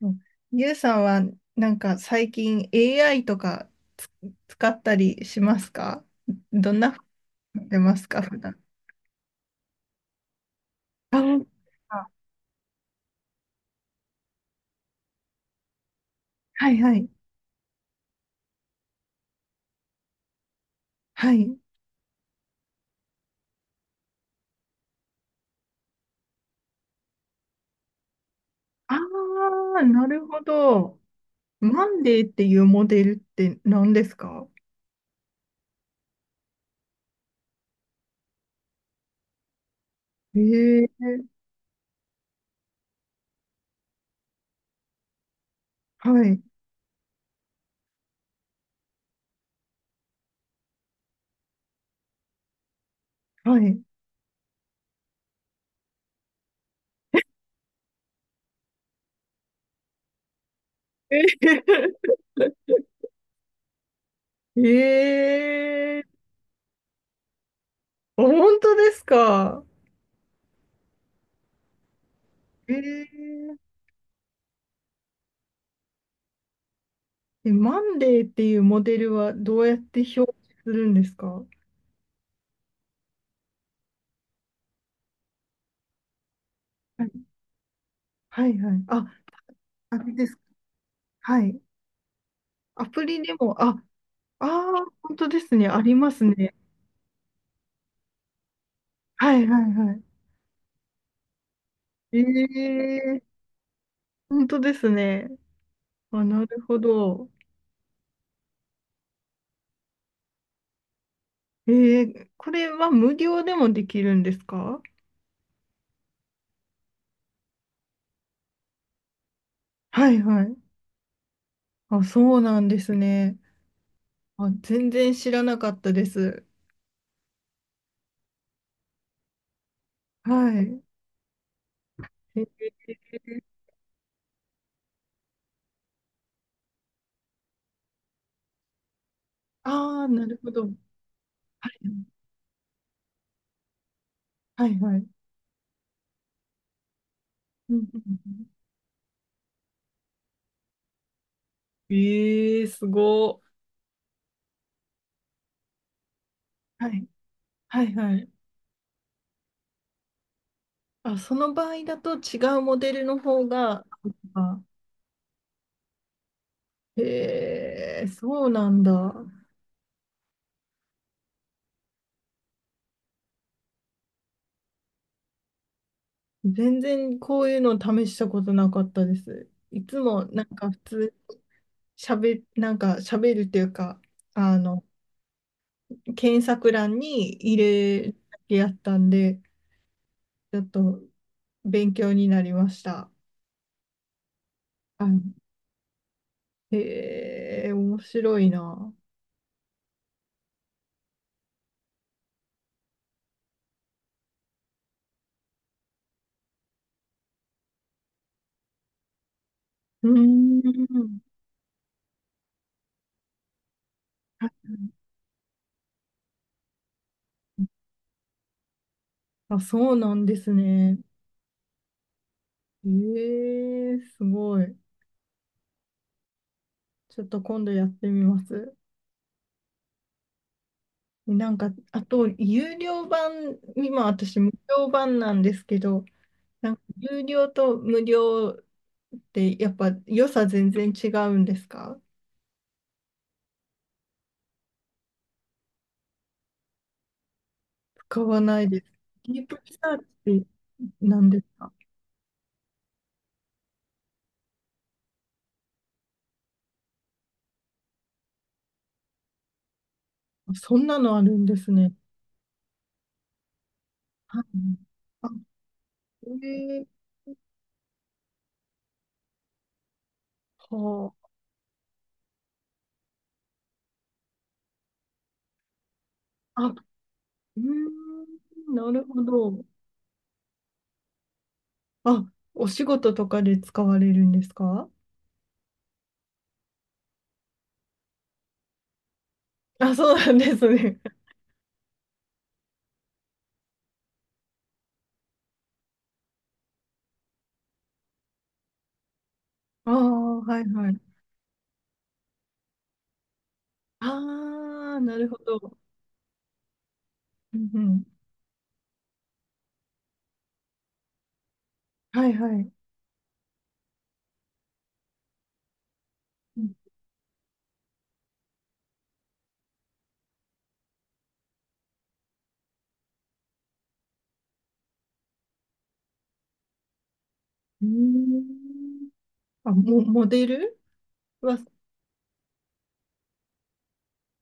うん。ゆうさんはなんか最近 AI とかつ使ったりしますか？どんなふうに使ってますか普段。あ、あ、はいはい。はい。ああ、なるほど。マンデーっていうモデルって何ですか？ええ、はい、はい。え え、あ、本当ですか？え、ええ、マンデーっていうモデルはどうやって表示するんですか？はいはいはい。あ、あれです。はい。アプリでも、あ、ああ、本当ですね。ありますね。はいはいはい。ええ、本当ですね。あ、なるほど。ええ、これは無料でもできるんですか？はいはい。あ、そうなんですね。あ、全然知らなかったです。はい。ええ、ああ、なるほど。はいはいはい。うんうんうん、ええ、すご。はいはいはい。あ、その場合だと違うモデルの方が、あ、へえ、そうなんだ。全然こういうの試したことなかったです。いつもなんか普通しゃべ、なんか喋るっていうか、あの、検索欄に入れるだけやったんで、ちょっと勉強になりました。はい、へえ、面白いな。うーん。あ、そうなんですね。ええ、すごい。ちょっと今度やってみます。なんか、あと、有料版、今私無料版なんですけど、なんか有料と無料ってやっぱ良さ全然違うんですか？使わないです。ディープリサーチって何ですか？そんなのあるんですね。はい。あ、ええ、はあ。あ、うーん、なるほど。あ、お仕事とかで使われるんですか？あ、そうなんですね。ああ、はいはい。ああ、なるほど。うんうん。はいはい。うん、うーん、あ、も、モデルは、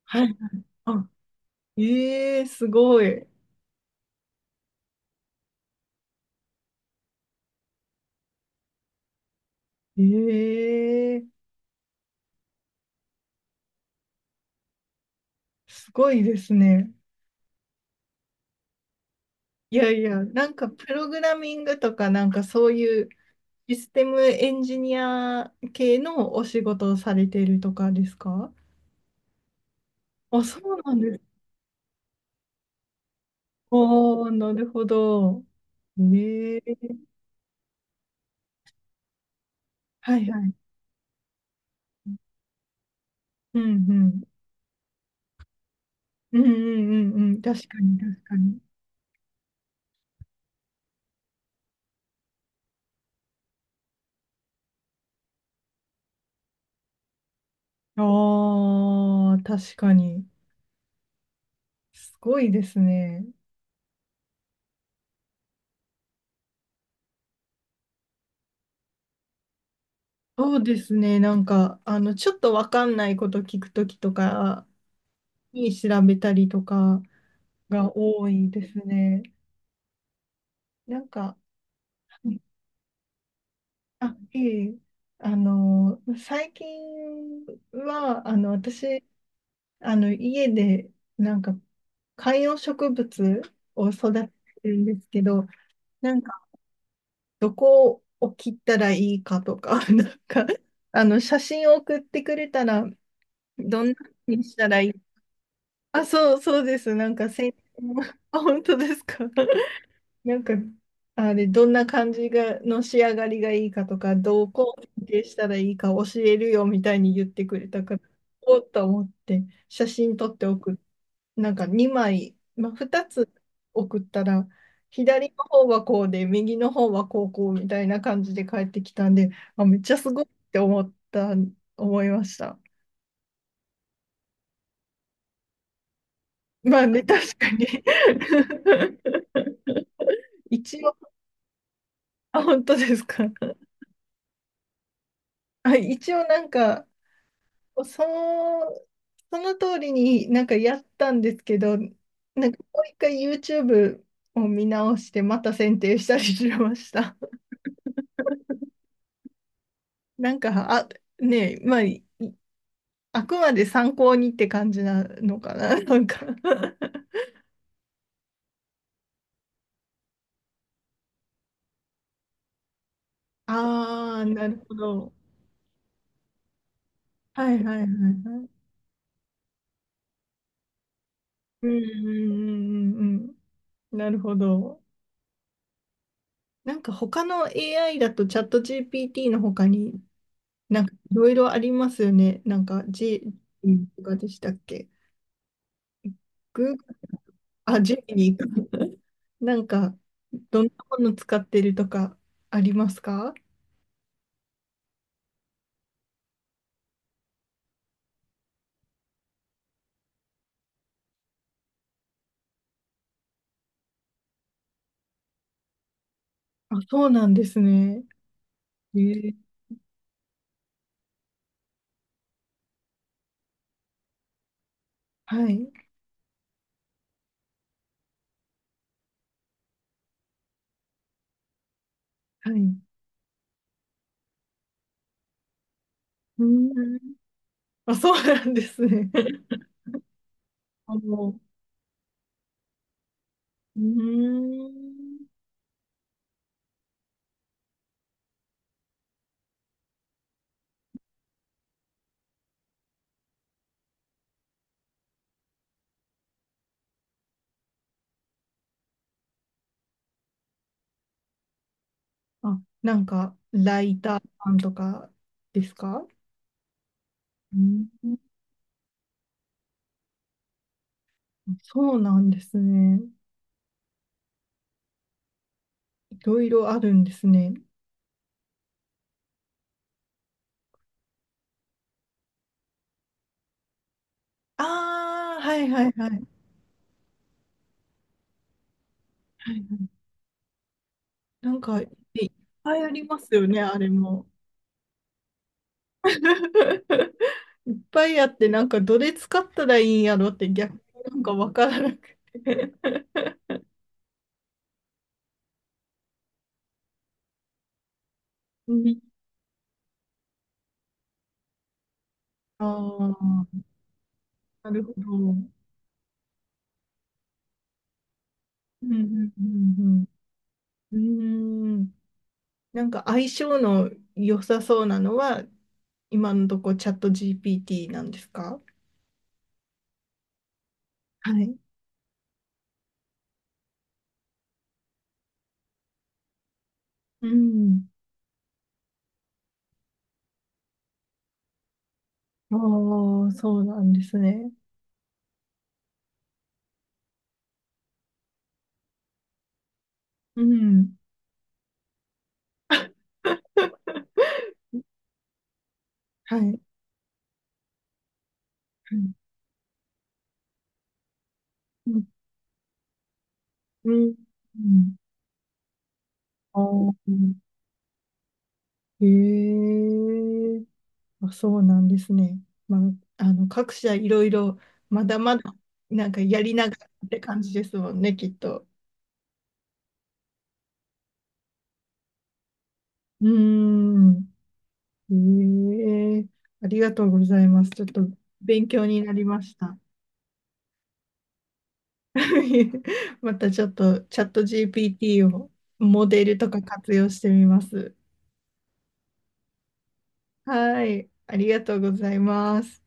はい。あ、ええ、すごい。ええ、すごいですね。いやいや、なんかプログラミングとか、なんかそういうシステムエンジニア系のお仕事をされているとかですか？あ、そうなんです。おー、なるほど。ええ、はいはい。うんうん。うんうんうんうん。確かに確かに。ああ、確かに。すごいですね。そうですね。なんか、あの、ちょっとわかんないこと聞くときとかに調べたりとかが多いですね。なんか、あ、いえ、あの、最近は、あの、私、あの、家で、なんか、観葉植物を育ててるんですけど、なんどこを切ったらいいかとか、なんか、あの、写真を送ってくれたら、どんな風にしたらいい、あ、そう、そうです。なんか、あ、本当ですか。なんか、あれ、どんな感じが、の仕上がりがいいかとか、どうこを設定したらいいか教えるよみたいに言ってくれたから、おっと思って、写真撮ってなんか2枚、まあ、2つ送ったら、左の方はこうで、右の方はこうこうみたいな感じで帰ってきたんで、あ、めっちゃすごいって思った、思いました。まあね、確かに。 一応、あ、本当ですか。あ、一応なんか、その、その通りになんかやったんですけど、なんかもう一回 YouTube を見直して、また選定したりしました。なんか、あ、ねえ、まあ、あくまで参考にって感じなのかな、なんか。 ああ、なるほど。はいはいはいはい。うんうんうんうんうん。なるほど。なんか他の AI だとチャット GPT の他になんかいろいろありますよね。なんか G とかでしたっけ？ Google、あ、ジェミニーか。なんかどんなもの使ってるとかありますか？あ、そうなんですね。えー、はい。はい。うーん、あ、そうなんですね。あの、うーん。あ、なんか、ライターさんとかですか？うん。そうなんですね。いろいろあるんですね。ああ、はいはいはい。はいはい、なんか、いっぱいありますよね、あれも。いっぱいあって、なんか、どれ使ったらいいんやろって逆になんかわからなくて。うん、ああ、なるほど。うんうんうんうん。うーん。なんか相性の良さそうなのは、今のとこチャット GPT なんですか？はい。うん。ああ、そうなんですね。うん。はい。はい、うん。うん。うん、あー、へえ。あ、そうなんですね。まあ、あの、各社いろいろ、まだまだ、なんかやりながらって感じですもんね、きっと。うーん。ええ、ありがとうございます。ちょっと勉強になりました。またちょっとチャット GPT をモデルとか活用してみます。はい、ありがとうございます。